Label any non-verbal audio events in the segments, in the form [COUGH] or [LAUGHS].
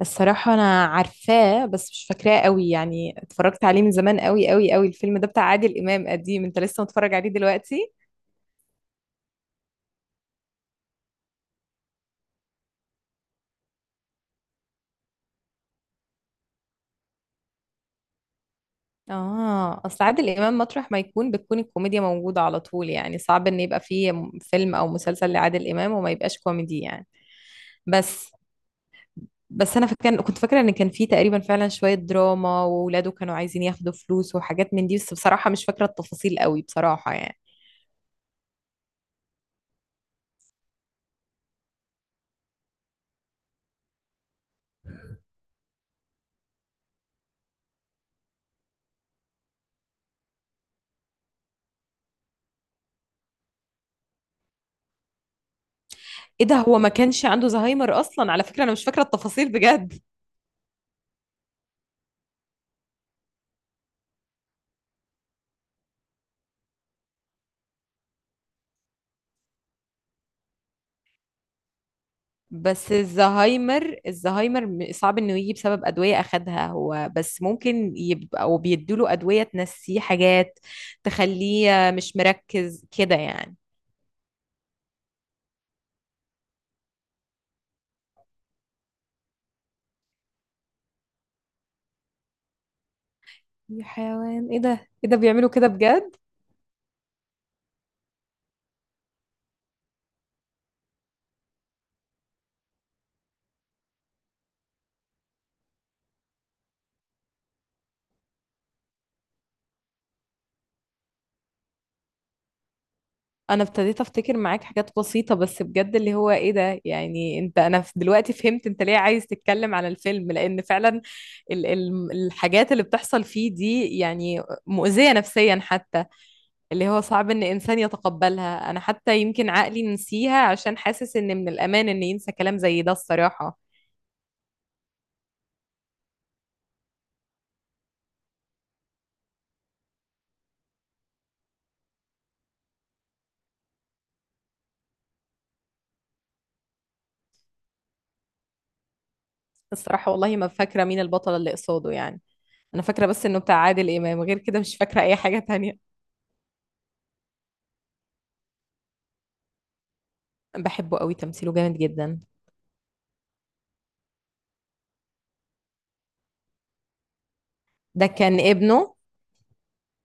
الصراحة أنا عارفاه بس مش فاكراه قوي. اتفرجت عليه من زمان قوي قوي قوي. الفيلم ده بتاع عادل إمام قديم، أنت لسه متفرج عليه دلوقتي؟ آه، أصل عادل إمام مطرح ما يكون بتكون الكوميديا موجودة على طول، يعني صعب إن يبقى فيه فيلم أو مسلسل لعادل إمام وما يبقاش كوميدي يعني. بس بس أنا فاكر كنت فاكرة إن كان فيه تقريبا فعلا شوية دراما، وولاده كانوا عايزين ياخدوا فلوس وحاجات من دي، بس بصراحة مش فاكرة التفاصيل قوي بصراحة يعني. إيه ده، هو ما كانش عنده زهايمر أصلا على فكرة؟ أنا مش فاكرة التفاصيل بجد. بس الزهايمر صعب انه يجي بسبب ادويه اخدها هو، بس ممكن يبقى او بيدوله ادويه تنسيه حاجات، تخليه مش مركز كده يعني. يا حيوان، ايه ده بيعملوا كده بجد؟ انا ابتديت افتكر معاك حاجات بسيطه، بس بجد اللي هو ايه ده؟ يعني انت، انا دلوقتي فهمت انت ليه عايز تتكلم على الفيلم، لان فعلا ال الحاجات اللي بتحصل فيه دي يعني مؤذيه نفسيا حتى، اللي هو صعب ان انسان يتقبلها. انا حتى يمكن عقلي نسيها عشان حاسس ان من الامان ان ينسى كلام زي ده الصراحة. الصراحة والله ما فاكرة مين البطل اللي قصاده يعني. انا فاكرة بس انه بتاع عادل امام، غير كده مش فاكرة اي حاجة تانية. بحبه قوي، تمثيله جامد جدا. ده كان ابنه؟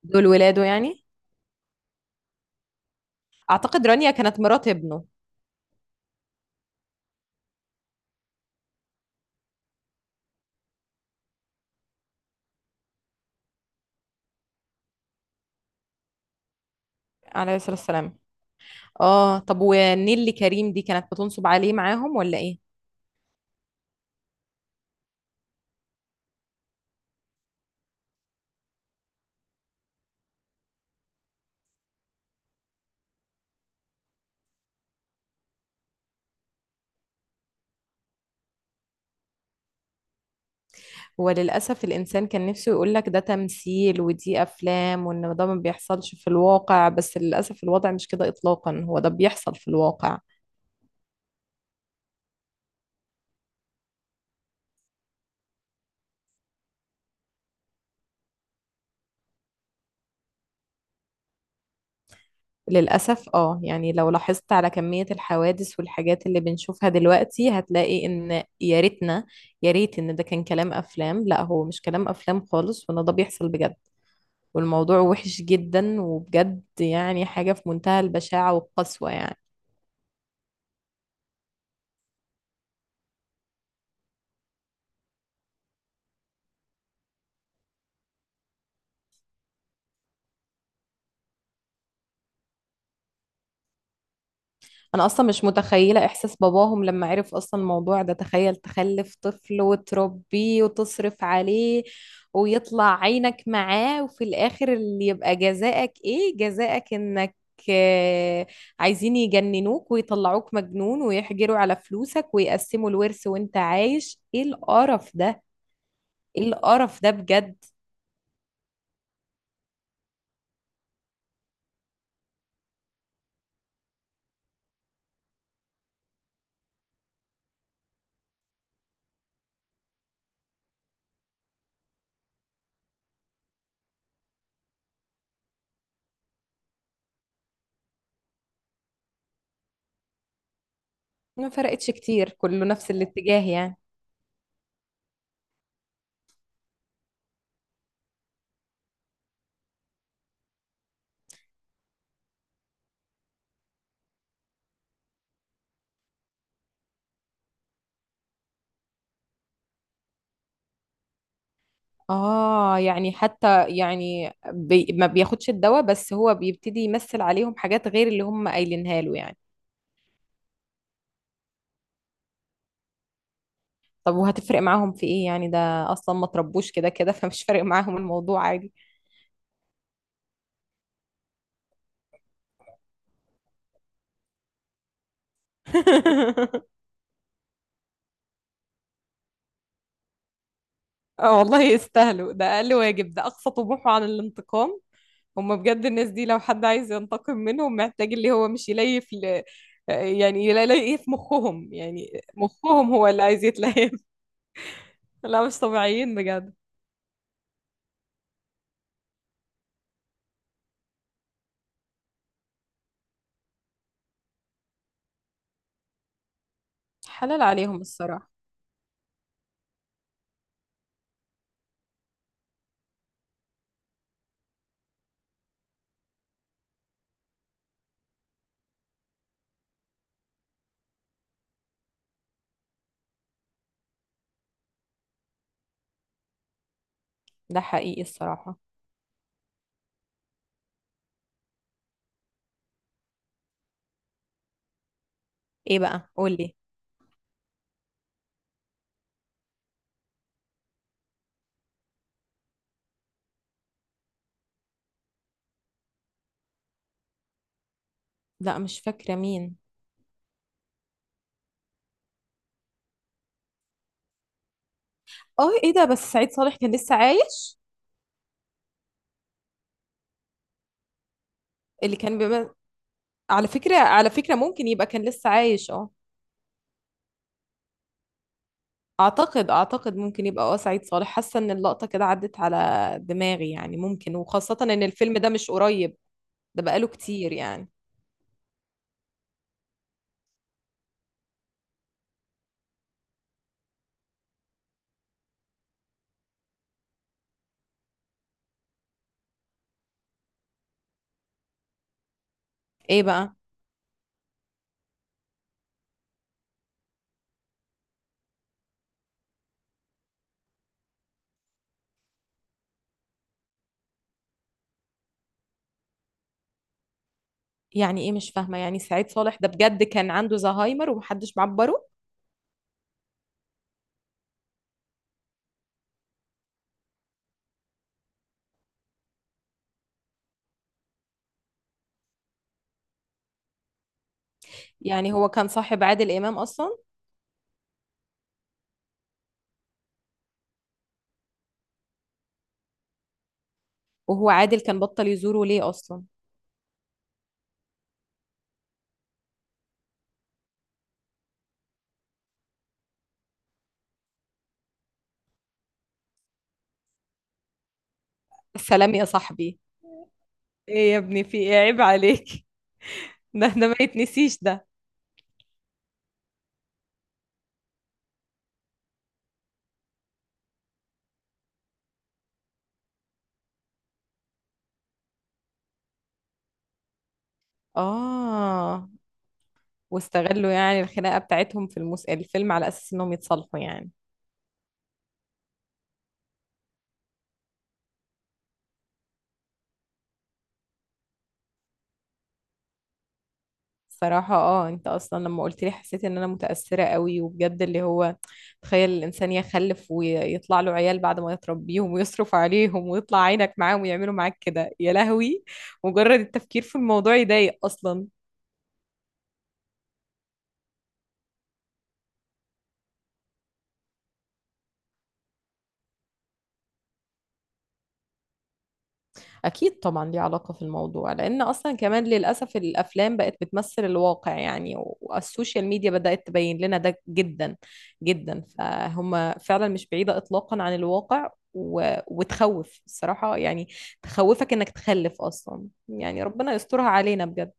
دول ولاده يعني؟ اعتقد رانيا كانت مرات ابنه. عليه الصلاة والسلام. اه طب، ونيلي كريم دي كانت بتنصب عليه معاهم ولا ايه؟ هو للأسف الإنسان كان نفسه يقولك ده تمثيل ودي أفلام، وإن ده ما بيحصلش في الواقع، بس للأسف الوضع مش كده إطلاقا، هو ده بيحصل في الواقع. للأسف اه، يعني لو لاحظت على كمية الحوادث والحاجات اللي بنشوفها دلوقتي، هتلاقي إن يا ريتنا، يا ريت إن ده كان كلام أفلام. لا، هو مش كلام أفلام خالص، وإن ده بيحصل بجد، والموضوع وحش جدا وبجد، يعني حاجة في منتهى البشاعة والقسوة يعني. انا اصلا مش متخيله احساس باباهم لما عرف اصلا الموضوع ده. تخيل تخلف طفل وتربيه وتصرف عليه ويطلع عينك معاه، وفي الاخر اللي يبقى جزاءك، ايه جزاءك؟ انك آه، عايزين يجننوك ويطلعوك مجنون ويحجروا على فلوسك ويقسموا الورث وانت عايش. ايه القرف ده، ايه القرف ده بجد؟ ما فرقتش كتير، كله نفس الاتجاه يعني. اه يعني حتى يعني ما بياخدش الدواء، بس هو بيبتدي يمثل عليهم حاجات غير اللي هم قايلينها له يعني. طب وهتفرق معاهم في ايه يعني؟ ده اصلا ما تربوش كده كده [LAUGHS] فمش فارق معاهم الموضوع، عادي. [LAUGHS] اه والله يستاهلوا، ده اقل واجب، ده اقصى طموحه عن الانتقام. هم بجد الناس دي لو حد عايز ينتقم منهم محتاج اللي هو مش يليف يعني يليف مخهم، يعني مخهم هو اللي عايز يتليف. [LAUGHS] لا مش طبيعيين بجد. حلال عليهم الصراحة. ده حقيقي الصراحة. ايه بقى، قولي. لا مش فاكرة مين. اه ايه ده، بس سعيد صالح كان لسه عايش؟ اللي كان بيبقى. على فكرة، على فكرة ممكن يبقى كان لسه عايش اه. اعتقد اعتقد ممكن يبقى اه سعيد صالح، حاسة ان اللقطة كده عدت على دماغي، يعني ممكن، وخاصة ان الفيلم ده مش قريب، ده بقاله كتير يعني. ايه بقى؟ يعني ايه مش فاهمة، يعني سعيد صالح ده بجد كان عنده زهايمر ومحدش معبره؟ يعني هو كان صاحب عادل امام اصلا؟ وهو عادل كان بطل يزوره ليه اصلا؟ سلام يا صاحبي. ايه يا ابني، في ايه، عيب عليك. [LAUGHS] ده ده ما يتنسيش ده. اه واستغلوا يعني الخناقه بتاعتهم في الفيلم على اساس انهم يتصالحوا يعني؟ صراحة اه، انت اصلا لما قلت لي حسيت ان انا متأثرة قوي وبجد، اللي هو تخيل الانسان يخلف ويطلع له عيال، بعد ما يتربيهم ويصرف عليهم ويطلع عينك معاهم، ويعملوا معاك كده، يا لهوي. مجرد التفكير في الموضوع يضايق اصلا. أكيد طبعا ليه علاقة في الموضوع، لأن أصلا كمان للأسف الأفلام بقت بتمثل الواقع يعني. والسوشيال ميديا بدأت تبين لنا ده جدا جدا، فهم فعلا مش بعيدة إطلاقا عن الواقع. وتخوف الصراحة يعني، تخوفك إنك تخلف أصلا يعني، ربنا يسترها علينا بجد.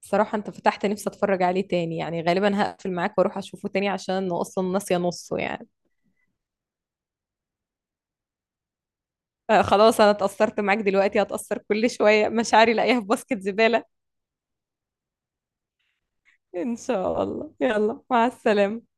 صراحة أنت فتحت نفسي أتفرج عليه تاني، يعني غالبا هقفل معاك وأروح أشوفه تاني عشان أنا أصلا ناسية نصه يعني. آه، خلاص أنا اتأثرت معاك دلوقتي، هتأثر كل شوية مشاعري لاقيها في باسكت زبالة. إن شاء الله، يلا مع السلامة.